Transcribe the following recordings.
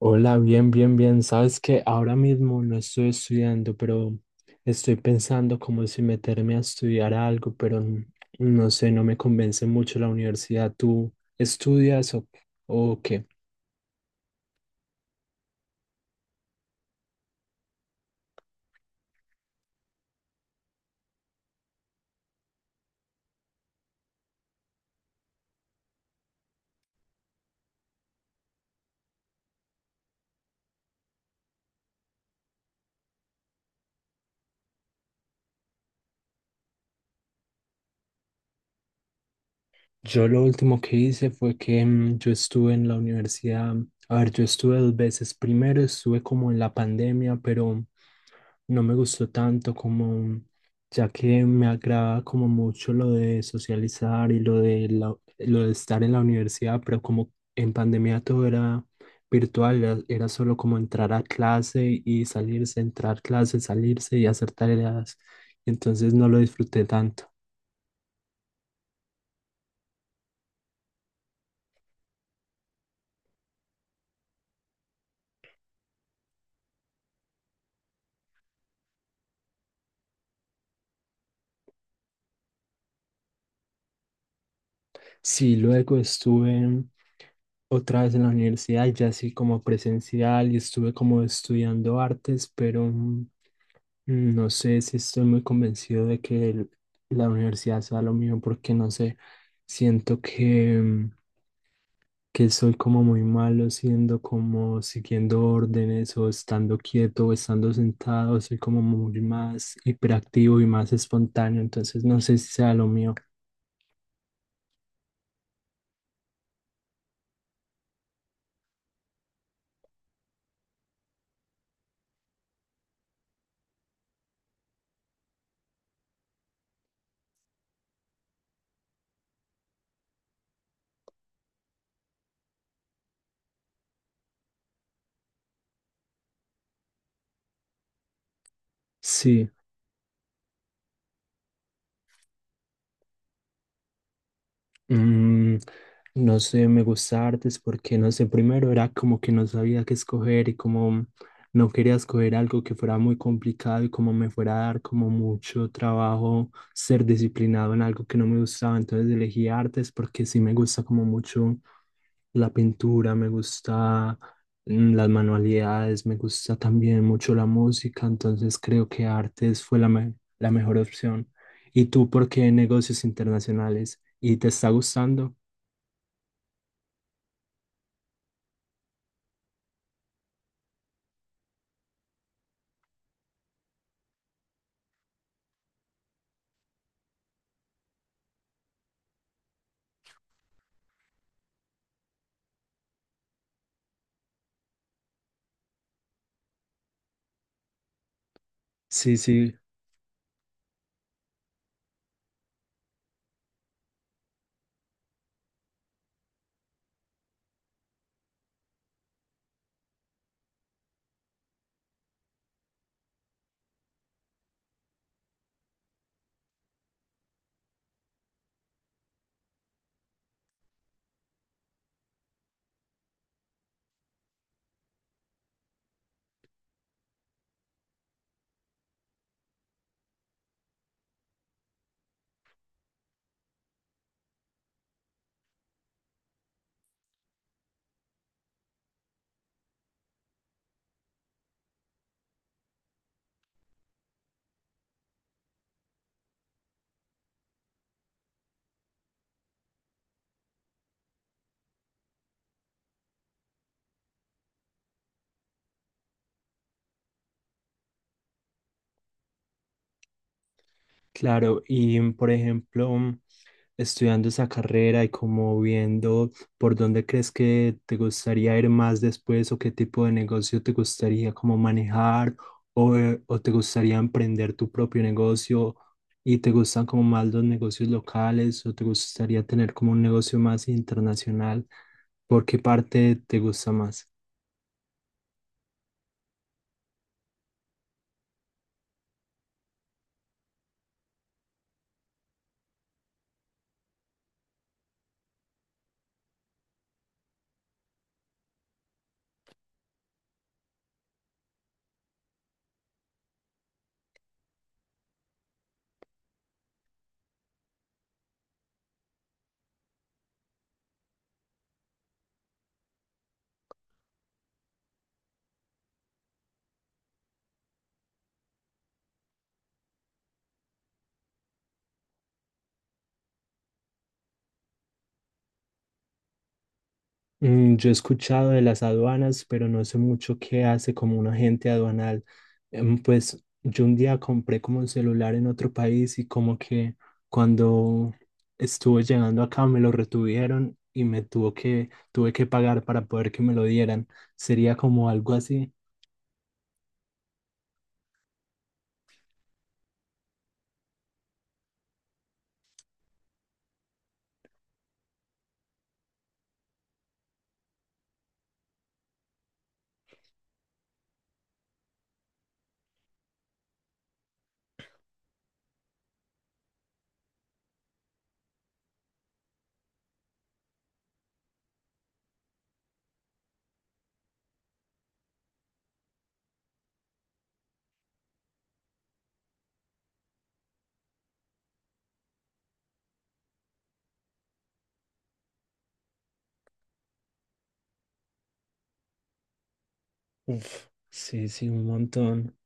Hola, bien. Sabes que ahora mismo no estoy estudiando, pero estoy pensando como si meterme a estudiar algo, pero no sé, no me convence mucho la universidad. ¿Tú estudias o qué? Yo lo último que hice fue que yo estuve en la universidad, a ver, yo estuve dos veces. Primero estuve como en la pandemia, pero no me gustó tanto como, ya que me agrada como mucho lo de socializar y lo de lo de estar en la universidad, pero como en pandemia todo era virtual, era solo como entrar a clase y salirse, entrar clase, salirse y hacer tareas. Entonces no lo disfruté tanto. Sí, luego estuve otra vez en la universidad, ya así como presencial y estuve como estudiando artes, pero no sé si estoy muy convencido de que la universidad sea lo mío porque no sé, siento que, que soy como muy malo siendo como siguiendo órdenes o estando quieto o estando sentado, soy como muy más hiperactivo y más espontáneo, entonces no sé si sea lo mío. Sí. Mm, no sé, me gusta artes porque no sé, primero era como que no sabía qué escoger y como no quería escoger algo que fuera muy complicado y como me fuera a dar como mucho trabajo ser disciplinado en algo que no me gustaba, entonces elegí artes porque sí me gusta como mucho la pintura, me gusta las manualidades, me gusta también mucho la música, entonces creo que artes fue la mejor opción. ¿Y tú por qué negocios internacionales? ¿Y te está gustando? Sí, sí, claro. Y por ejemplo, estudiando esa carrera y como viendo por dónde crees que te gustaría ir más después o qué tipo de negocio te gustaría como manejar o te gustaría emprender tu propio negocio y te gustan como más los negocios locales o te gustaría tener como un negocio más internacional? ¿Por qué parte te gusta más? Yo he escuchado de las aduanas, pero no sé mucho qué hace como un agente aduanal. Pues yo un día compré como un celular en otro país y como que cuando estuvo llegando acá me lo retuvieron y me tuvo tuve que pagar para poder que me lo dieran. Sería como algo así. Uf, sí, sí, un montón.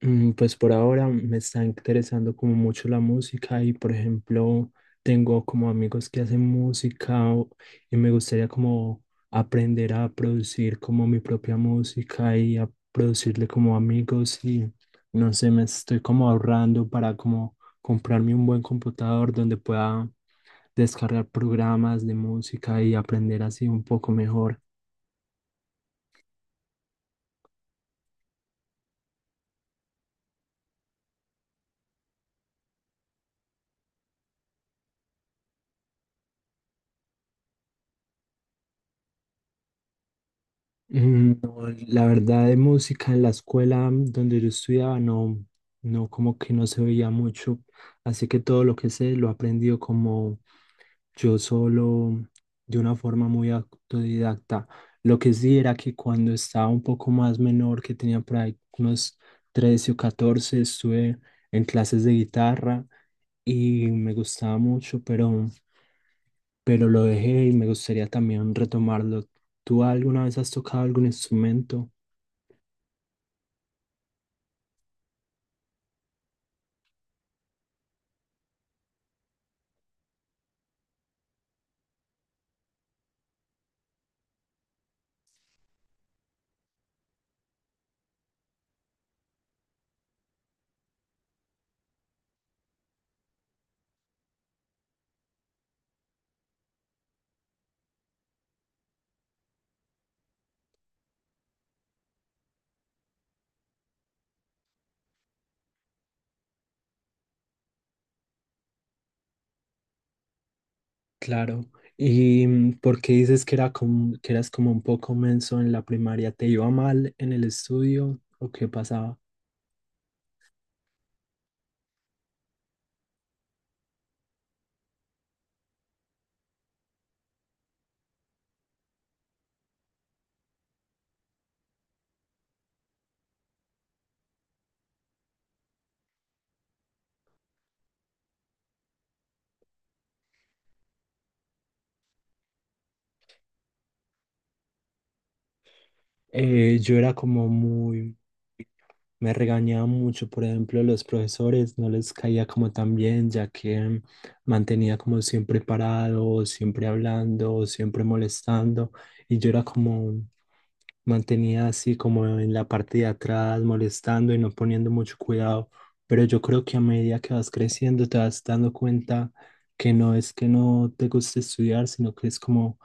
Pues por ahora me está interesando como mucho la música y por ejemplo tengo como amigos que hacen música y me gustaría como aprender a producir como mi propia música y a producirle como amigos y no sé, me estoy como ahorrando para como comprarme un buen computador donde pueda descargar programas de música y aprender así un poco mejor. No, la verdad de música en la escuela donde yo estudiaba no, no como que no se veía mucho, así que todo lo que sé lo he aprendido como yo solo, de una forma muy autodidacta. Lo que sí era que cuando estaba un poco más menor, que tenía por ahí unos 13 o 14 estuve en clases de guitarra y me gustaba mucho, pero lo dejé y me gustaría también retomarlo. ¿Tú alguna vez has tocado algún instrumento? Claro. ¿Y por qué dices que era como, que eras como un poco menso en la primaria? ¿Te iba mal en el estudio o qué pasaba? Yo era como muy, me regañaba mucho, por ejemplo, los profesores, no les caía como tan bien, ya que mantenía como siempre parado, siempre hablando, siempre molestando, y yo era como, mantenía así como en la parte de atrás, molestando y no poniendo mucho cuidado, pero yo creo que a medida que vas creciendo te vas dando cuenta que no es que no te guste estudiar, sino que es como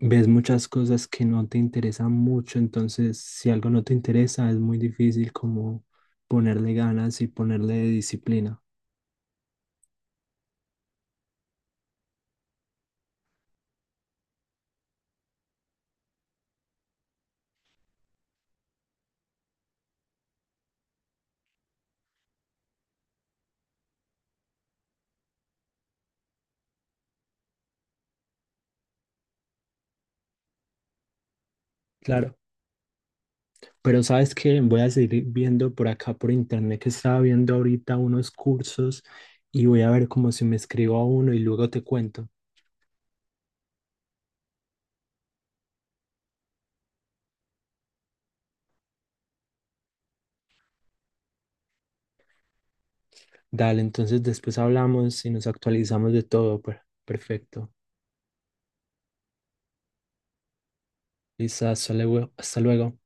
ves muchas cosas que no te interesan mucho, entonces si algo no te interesa es muy difícil como ponerle ganas y ponerle disciplina. Claro, pero sabes que voy a seguir viendo por acá por internet que estaba viendo ahorita unos cursos y voy a ver como si me escribo a uno y luego te cuento. Dale, entonces después hablamos y nos actualizamos de todo. Perfecto. Lisa, hasta luego. Hasta luego.